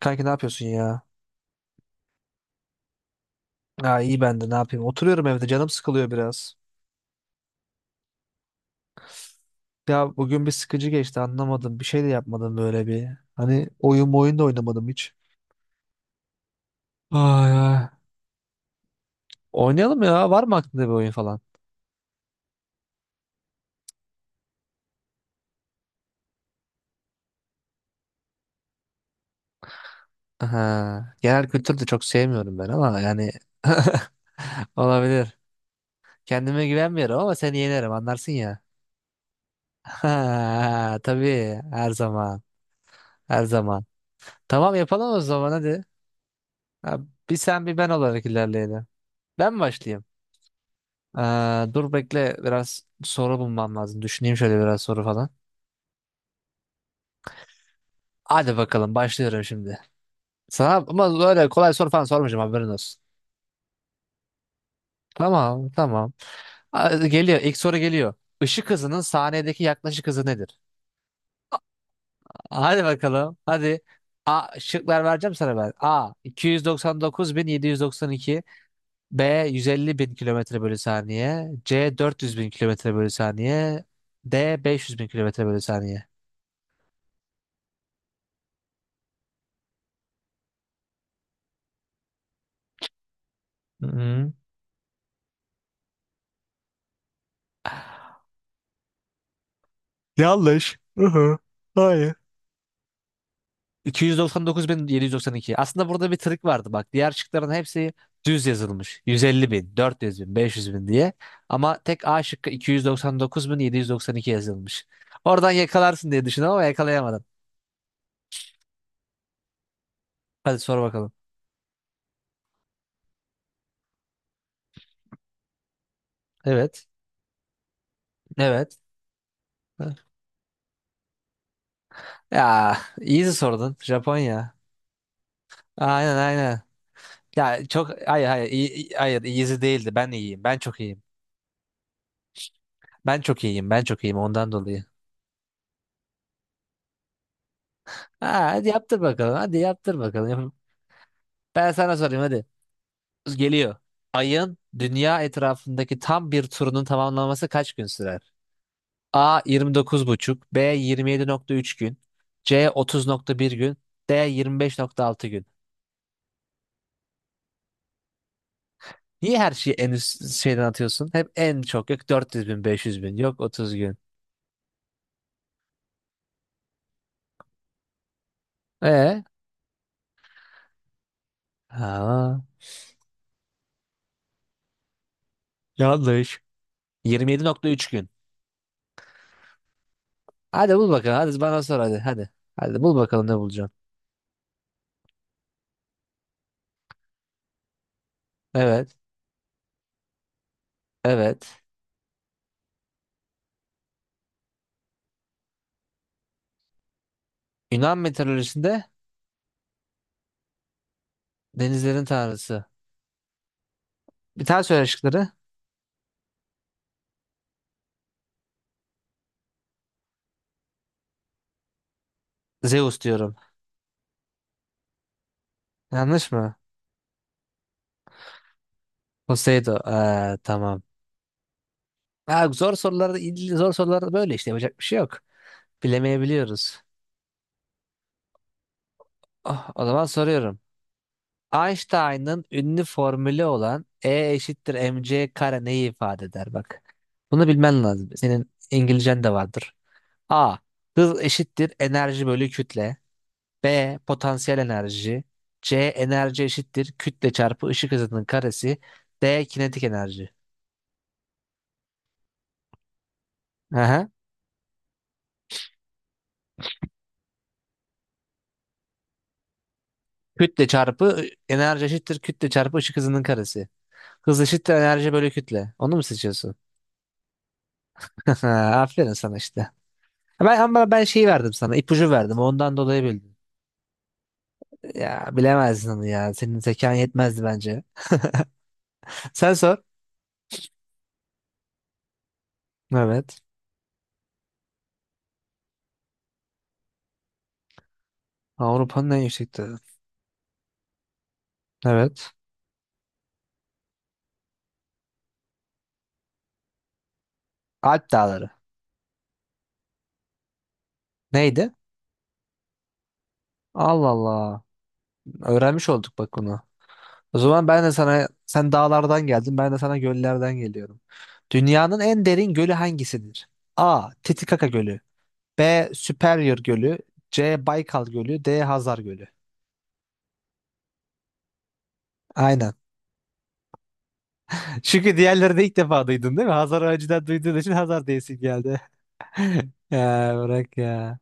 Kanki ne yapıyorsun ya? Ha iyi ben de ne yapayım? Oturuyorum evde canım sıkılıyor biraz. Ya bugün bir sıkıcı geçti anlamadım. Bir şey de yapmadım böyle bir. Hani oyun da oynamadım hiç. Ay ay. Oynayalım ya. Var mı aklında bir oyun falan? Aha. Genel kültür de çok sevmiyorum ben ama yani olabilir. Kendime güvenmiyorum ama seni yenerim anlarsın ya. Ha, tabii her zaman. Her zaman. Tamam yapalım o zaman hadi. Ha, bir sen bir ben olarak ilerleyelim. Ben mi başlayayım? Dur bekle biraz soru bulmam lazım. Düşüneyim şöyle biraz soru falan. Hadi bakalım başlıyorum şimdi. Sana ama öyle kolay soru falan sormayacağım haberin olsun. Tamam tamam. Hadi geliyor ilk soru geliyor. Işık hızının saniyedeki yaklaşık hızı nedir? Hadi bakalım hadi. A, şıklar vereceğim sana ben. A 299.792, B 150.000 kilometre bölü saniye, C 400.000 kilometre bölü saniye, D 500.000 kilometre bölü saniye. Hı hı. Yanlış. Hı hı. Hayır. 299.792. Aslında burada bir trik vardı bak. Diğer şıkların hepsi düz yazılmış. 150 bin, 400 bin, 500 bin diye. Ama tek A şıkkı 299.792 yazılmış. Oradan yakalarsın diye düşündüm ama yakalayamadın. Hadi sor bakalım. Evet. Evet. Ya easy sordun. Japonya. Aynen aynen. Ya çok hayır hayır hayır easy değildi. Ben iyiyim. Ben çok iyiyim. Ben çok iyiyim. Ben çok iyiyim ondan dolayı. Ha, hadi yaptır bakalım. Ben sana sorayım hadi. Geliyor. Ayın dünya etrafındaki tam bir turunun tamamlanması kaç gün sürer? A 29,5, B 27,3 gün, C 30,1 gün, D 25,6 gün. Niye her şeyi en üst şeyden atıyorsun? Hep en çok yok 400 bin, 500 bin, yok 30 gün. E? Ha, yanlış. 27,3 gün. Hadi bul bakalım. Hadi bana sor hadi. Hadi. Hadi bul bakalım ne bulacaksın. Evet. Evet. Yunan mitolojisinde denizlerin tanrısı. Bir tane söyle şıkları. Zeus diyorum. Yanlış mı? Poseidon. Tamam. Ha, zor sorularda böyle işte yapacak bir şey yok. Bilemeyebiliyoruz. Oh, o zaman soruyorum. Einstein'ın ünlü formülü olan E eşittir mc kare neyi ifade eder bak. Bunu bilmen lazım. Senin İngilizcen de vardır. A, hız eşittir enerji bölü kütle. B, potansiyel enerji. C, enerji eşittir kütle çarpı ışık hızının karesi. D, kinetik enerji. Aha. Kütle çarpı Enerji eşittir kütle çarpı ışık hızının karesi. Hız eşittir enerji bölü kütle. Onu mu seçiyorsun? Aferin sana işte. Ama ben şeyi verdim sana. İpucu verdim. Ondan dolayı bildin. Ya bilemezdin onu ya. Senin zekan yetmezdi bence. Sen sor. Evet. Avrupa'nın en yüksek dağı. Evet. Alp Dağları. Neydi? Allah Allah. Öğrenmiş olduk bak bunu. O zaman ben de sana, sen dağlardan geldin, ben de sana göllerden geliyorum. Dünyanın en derin gölü hangisidir? A, Titikaka Gölü. B, Superior Gölü. C, Baykal Gölü. D, Hazar Gölü. Aynen. Çünkü diğerleri de ilk defa duydun değil mi? Hazar önceden duyduğun için Hazar diyesin geldi. Ya bırak ya.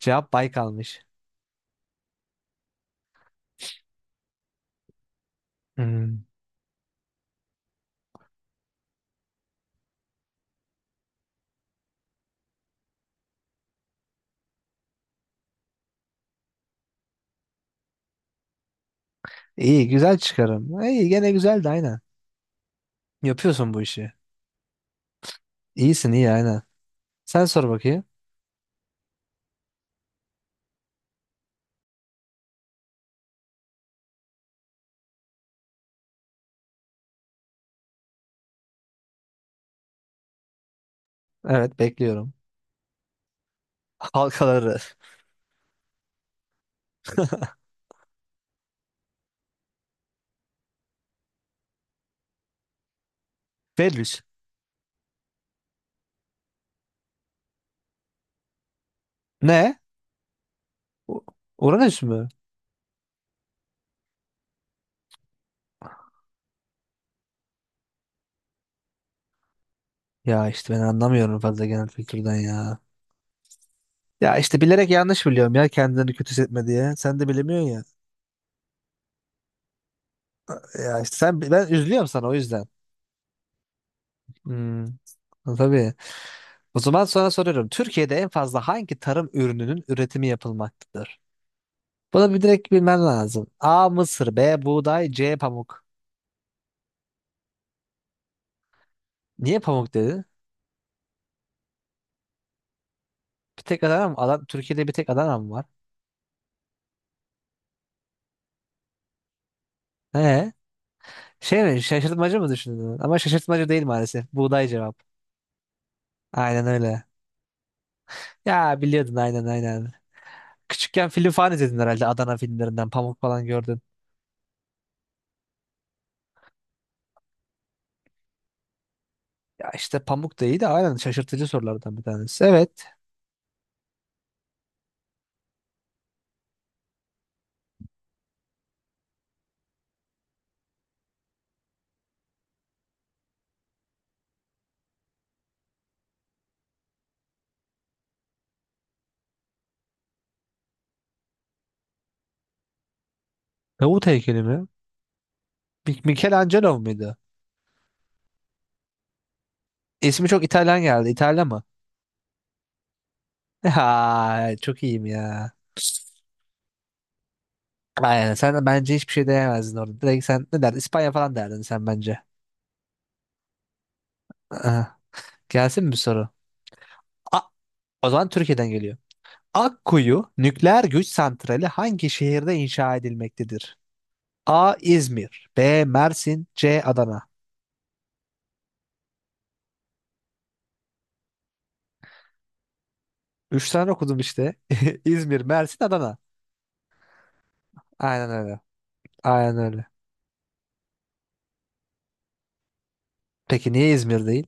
Cevap Baykal'mış. Hmm. İyi, güzel çıkarım. İyi, gene güzeldi aynen. Yapıyorsun bu işi. İyisin iyi aynen. Sen sor bakayım. Evet bekliyorum. Halkaları. Venüs. Ne? U- Uranüs mü? Ya işte ben anlamıyorum fazla genel kültürden ya. Ya işte bilerek yanlış biliyorum ya kendini kötü hissetme diye. Sen de bilemiyorsun ya. Ya işte ben üzülüyorum sana o yüzden. Hmm. Tabii. O zaman sonra soruyorum. Türkiye'de en fazla hangi tarım ürününün üretimi yapılmaktadır? Bunu bir direkt bilmen lazım. A, mısır. B, buğday. C, pamuk. Niye pamuk dedi? Bir tek Adana mı? Adam, Türkiye'de bir tek Adana mı var? He? Şey mi? Şaşırtmacı mı düşündün? Ama şaşırtmacı değil maalesef. Buğday cevap. Aynen öyle. Ya biliyordun aynen aynen. Küçükken film falan izledin herhalde Adana filmlerinden. Pamuk falan gördün. Ya işte pamuk da iyi de aynen şaşırtıcı sorulardan bir tanesi. Evet. Davut heykeli mi? Michelangelo muydu? İsmi çok İtalyan geldi. İtalyan mı? Ha, çok iyiyim ya. Aynen sen de bence hiçbir şey diyemezdin orada. Direkt sen ne derdin? İspanya falan derdin sen bence. Aa, gelsin mi bir soru? A, o zaman Türkiye'den geliyor. Akkuyu nükleer güç santrali hangi şehirde inşa edilmektedir? A, İzmir. B, Mersin. C, Adana. Üç tane okudum işte. İzmir, Mersin, Adana. Aynen öyle. Aynen öyle. Peki niye İzmir değil?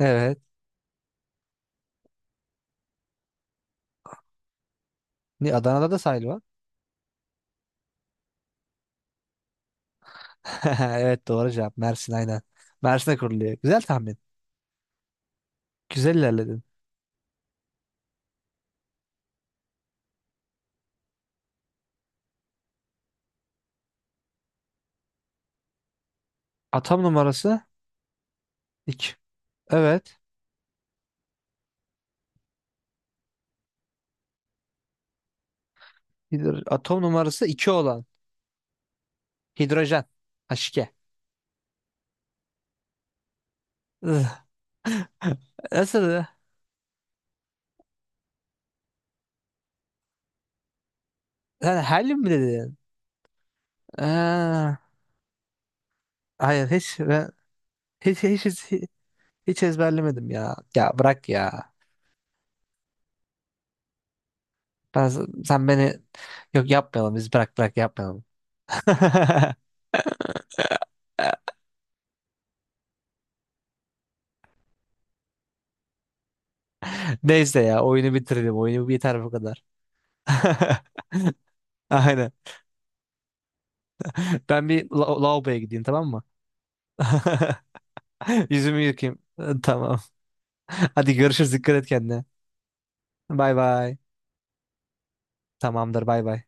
Evet. Ni Adana'da da sahil var. Evet doğru cevap. Mersin aynen. Mersin'e kuruluyor. Güzel tahmin. Güzel ilerledin. Atom numarası 2. Evet. Atom numarası 2 olan. Hidrojen. H2. Nasıl? Sen helyum mi dedin? Aa, hayır hiç, ben, hiç, hiç, hiç, hiç ezberlemedim ya. Ya bırak ya. Ben, sen beni yok yapmayalım biz bırak yapmayalım. Neyse ya oyunu bitirelim. Oyunu biter bu kadar. Aynen. Ben bir lavaboya gideyim tamam mı? Yüzümü yıkayayım. Tamam. Hadi görüşürüz. Dikkat et kendine. Bay bay. Tamamdır bay bay.